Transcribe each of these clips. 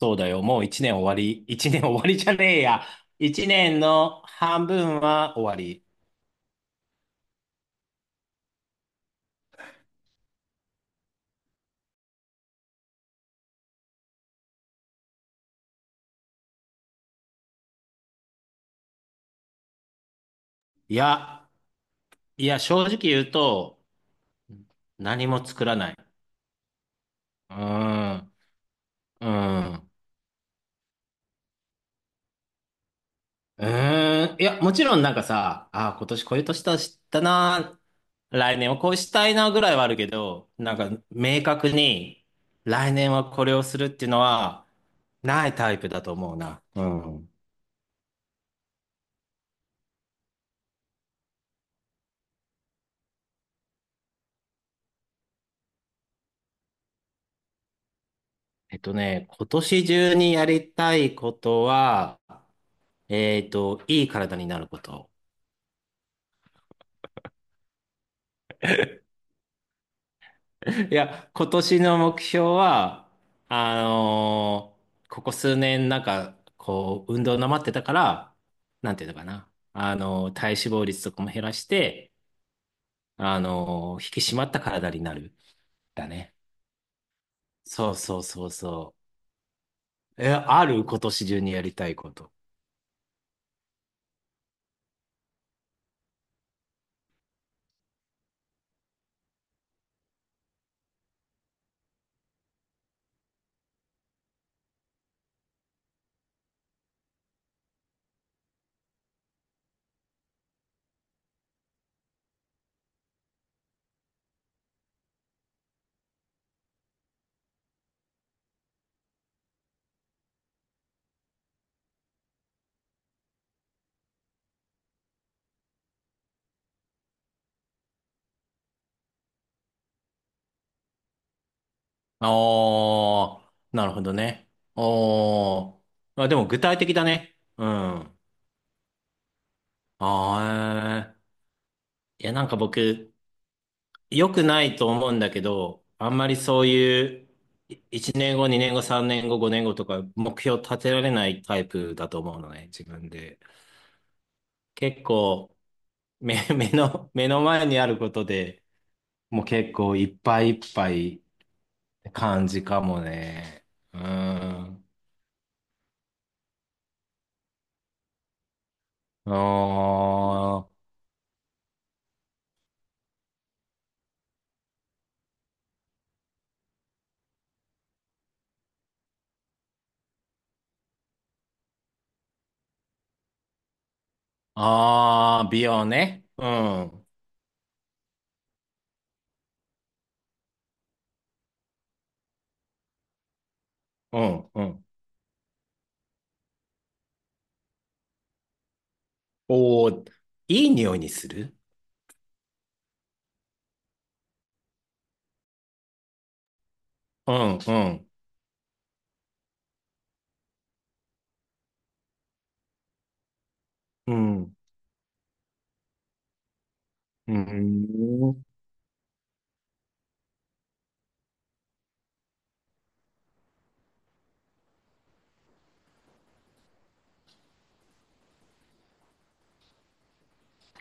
そうだよ。もう一年終わり。一年終わりじゃねえや。一年の半分は終わり。いや、いや、正直言うと、何も作らない。うーん、うーん、いや、もちろんなんかさ、あー今年こういう年だしたな。来年はこうしたいなぐらいはあるけど、なんか明確に来年はこれをするっていうのはないタイプだと思うな。うん。えっとね、今年中にやりたいことは、いい体になること。いや、今年の目標は、あのーここ数年なんか、こう、運動なまってたから、なんていうのかな。体脂肪率とかも減らして、引き締まった体になる。だね。そうそうそうそう。え、ある今年中にやりたいこと。ああ、なるほどね。おー。まあ、でも具体的だね。うん。ああ、えーいや、なんか僕、良くないと思うんだけど、あんまりそういう、い1年後、2年後、3年後、5年後とか、目標立てられないタイプだと思うのね、自分で。結構、目の前にあることで、もう結構いっぱいいっぱいって感じかもね。うん。あーああ、美容ね。うん、うん、うん。おお、いい匂いにするうん、うん、うん、うん。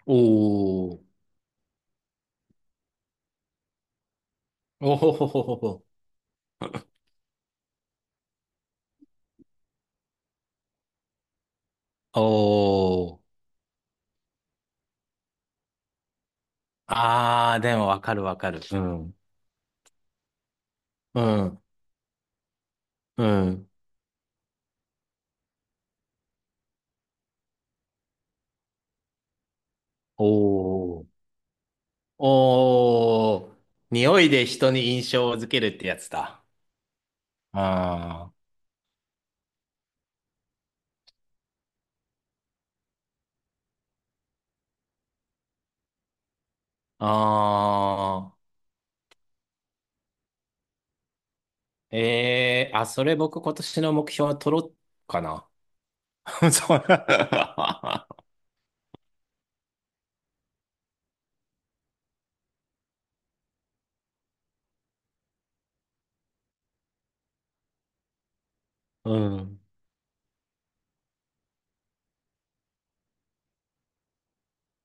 おお、おほほほほほ。おお、ああ、でもわかるわかる。うん、うん、うん。おお、おお、匂いで人に印象を付けるってやつだ。ああ、ああ、ええあ、それ僕今年の目標は取ろうかな。そう。うん。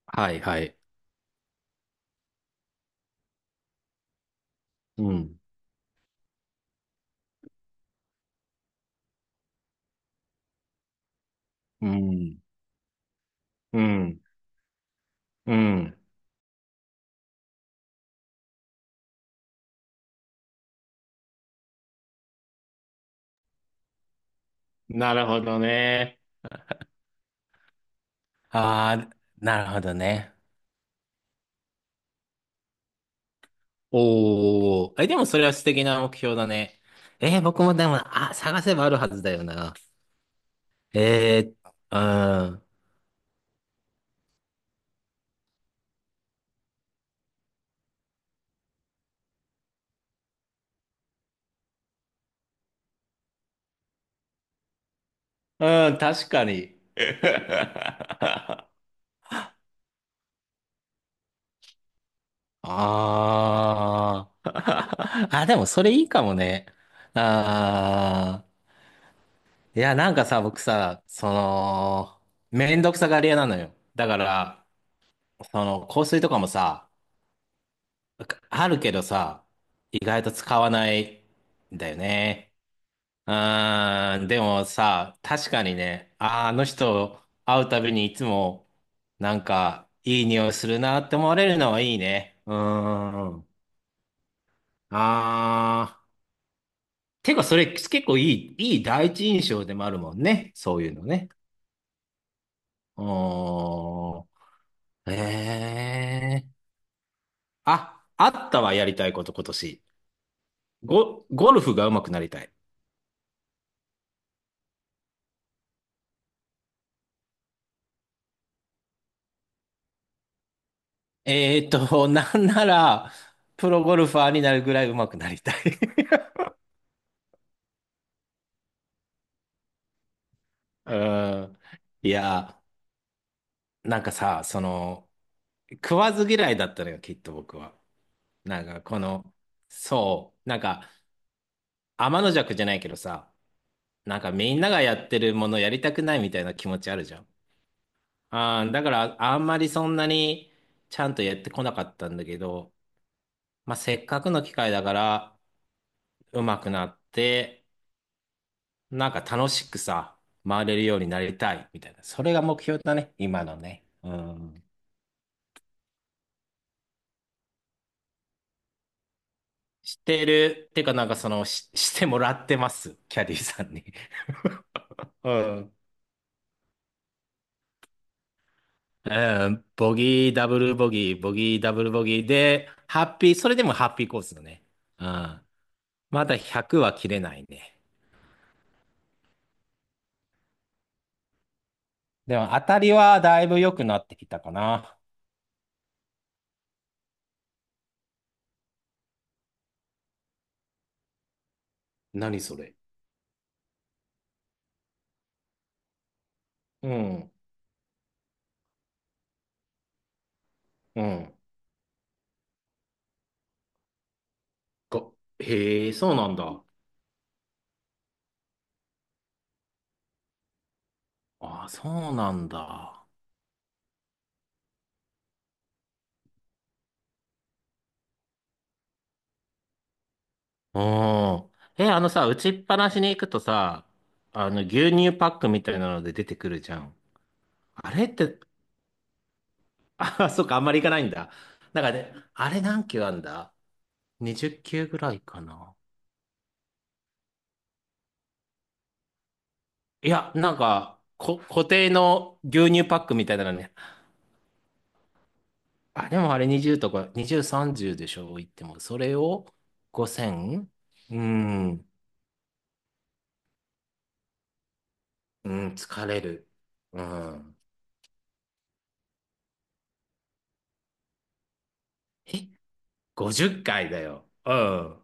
はいはい。うん。うん。うん。うん。なるほどね。ああ、なるほどね。おお。え、でもそれは素敵な目標だね。えー僕もでも、あ、探せばあるはずだよな。えー、うん。うん、確かに。ああ。あ、でもそれいいかもね。ああ。いや、なんかさ、僕さ、めんどくさがり屋なのよ。だから、香水とかもさ、あるけどさ、意外と使わないんだよね。うーん、でもさ、確かにね、あー、あの人会うたびにいつも、なんか、いい匂いするなって思われるのはいいね。うーん。あー。てか、それ結構いい第一印象でもあるもんね。そういうのね。うーん。ええあ、あったわ、やりたいこと、今年。ゴルフが上手くなりたい。えーっと、なんなら、プロゴルファーになるぐらい上手くなりたい うん。いや、なんかさ、その、食わず嫌いだったのよ、きっと僕は。なんか、この、そう、なんか、天の弱じゃないけどさ、なんかみんながやってるものやりたくないみたいな気持ちあるじゃん。ああ、だからあんまりそんなにちゃんとやってこなかったんだけど、まあ、せっかくの機会だから上手くなって、なんか楽しくさ、回れるようになりたいみたいな。それが目標だね、今のね。うん。してる、ってかなんかその、し、してもらってます、キャディさんに。うん。うん、ボギー、ダブルボギー、ボギー、ダブルボギーで、ハッピー、それでもハッピーコースだね。うん。まだ100は切れないね。でも当たりはだいぶ良くなってきたかな。何それうん、うん。が、へえ、そうなんだ。ああ、そうなんだ。うん。え、あのさ、打ちっぱなしに行くとさ、あの、牛乳パックみたいなので出てくるじゃん。あれって、あ、そっか、あんまり行かないんだ。なんかね、あれ何球あんだ ?20 球ぐらいかな。いや、なんか、固定の牛乳パックみたいなのにあ、でもあれ20とか、20、30でしょ、言っても。それを5000、うん、うん、疲れる。うん。え、50回だよ。うん。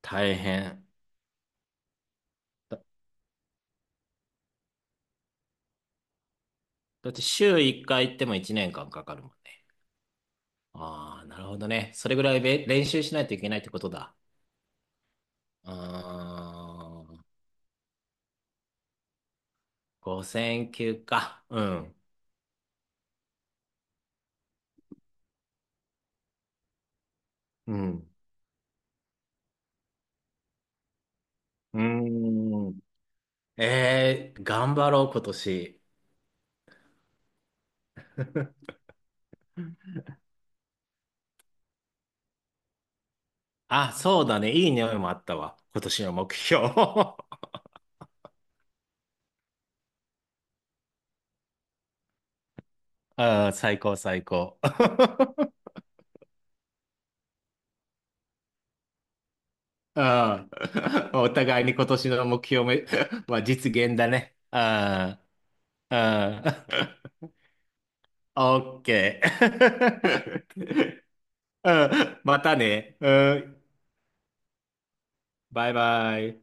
大変。だ、だって週1回行っても1年間かんかかるもんね。ああ、なるほどね。それぐらいべ練習しないといけないってことだ。ああ、5000級か。うん。うん。うーん。えー、頑張ろう、今年。あ、そうだね。いい匂いもあったわ。今年の目標。あー、最高、最高。ああお互いに今年の目標め まあ、実現だね。ああああオッケー。うんまたね。うんバイバイ。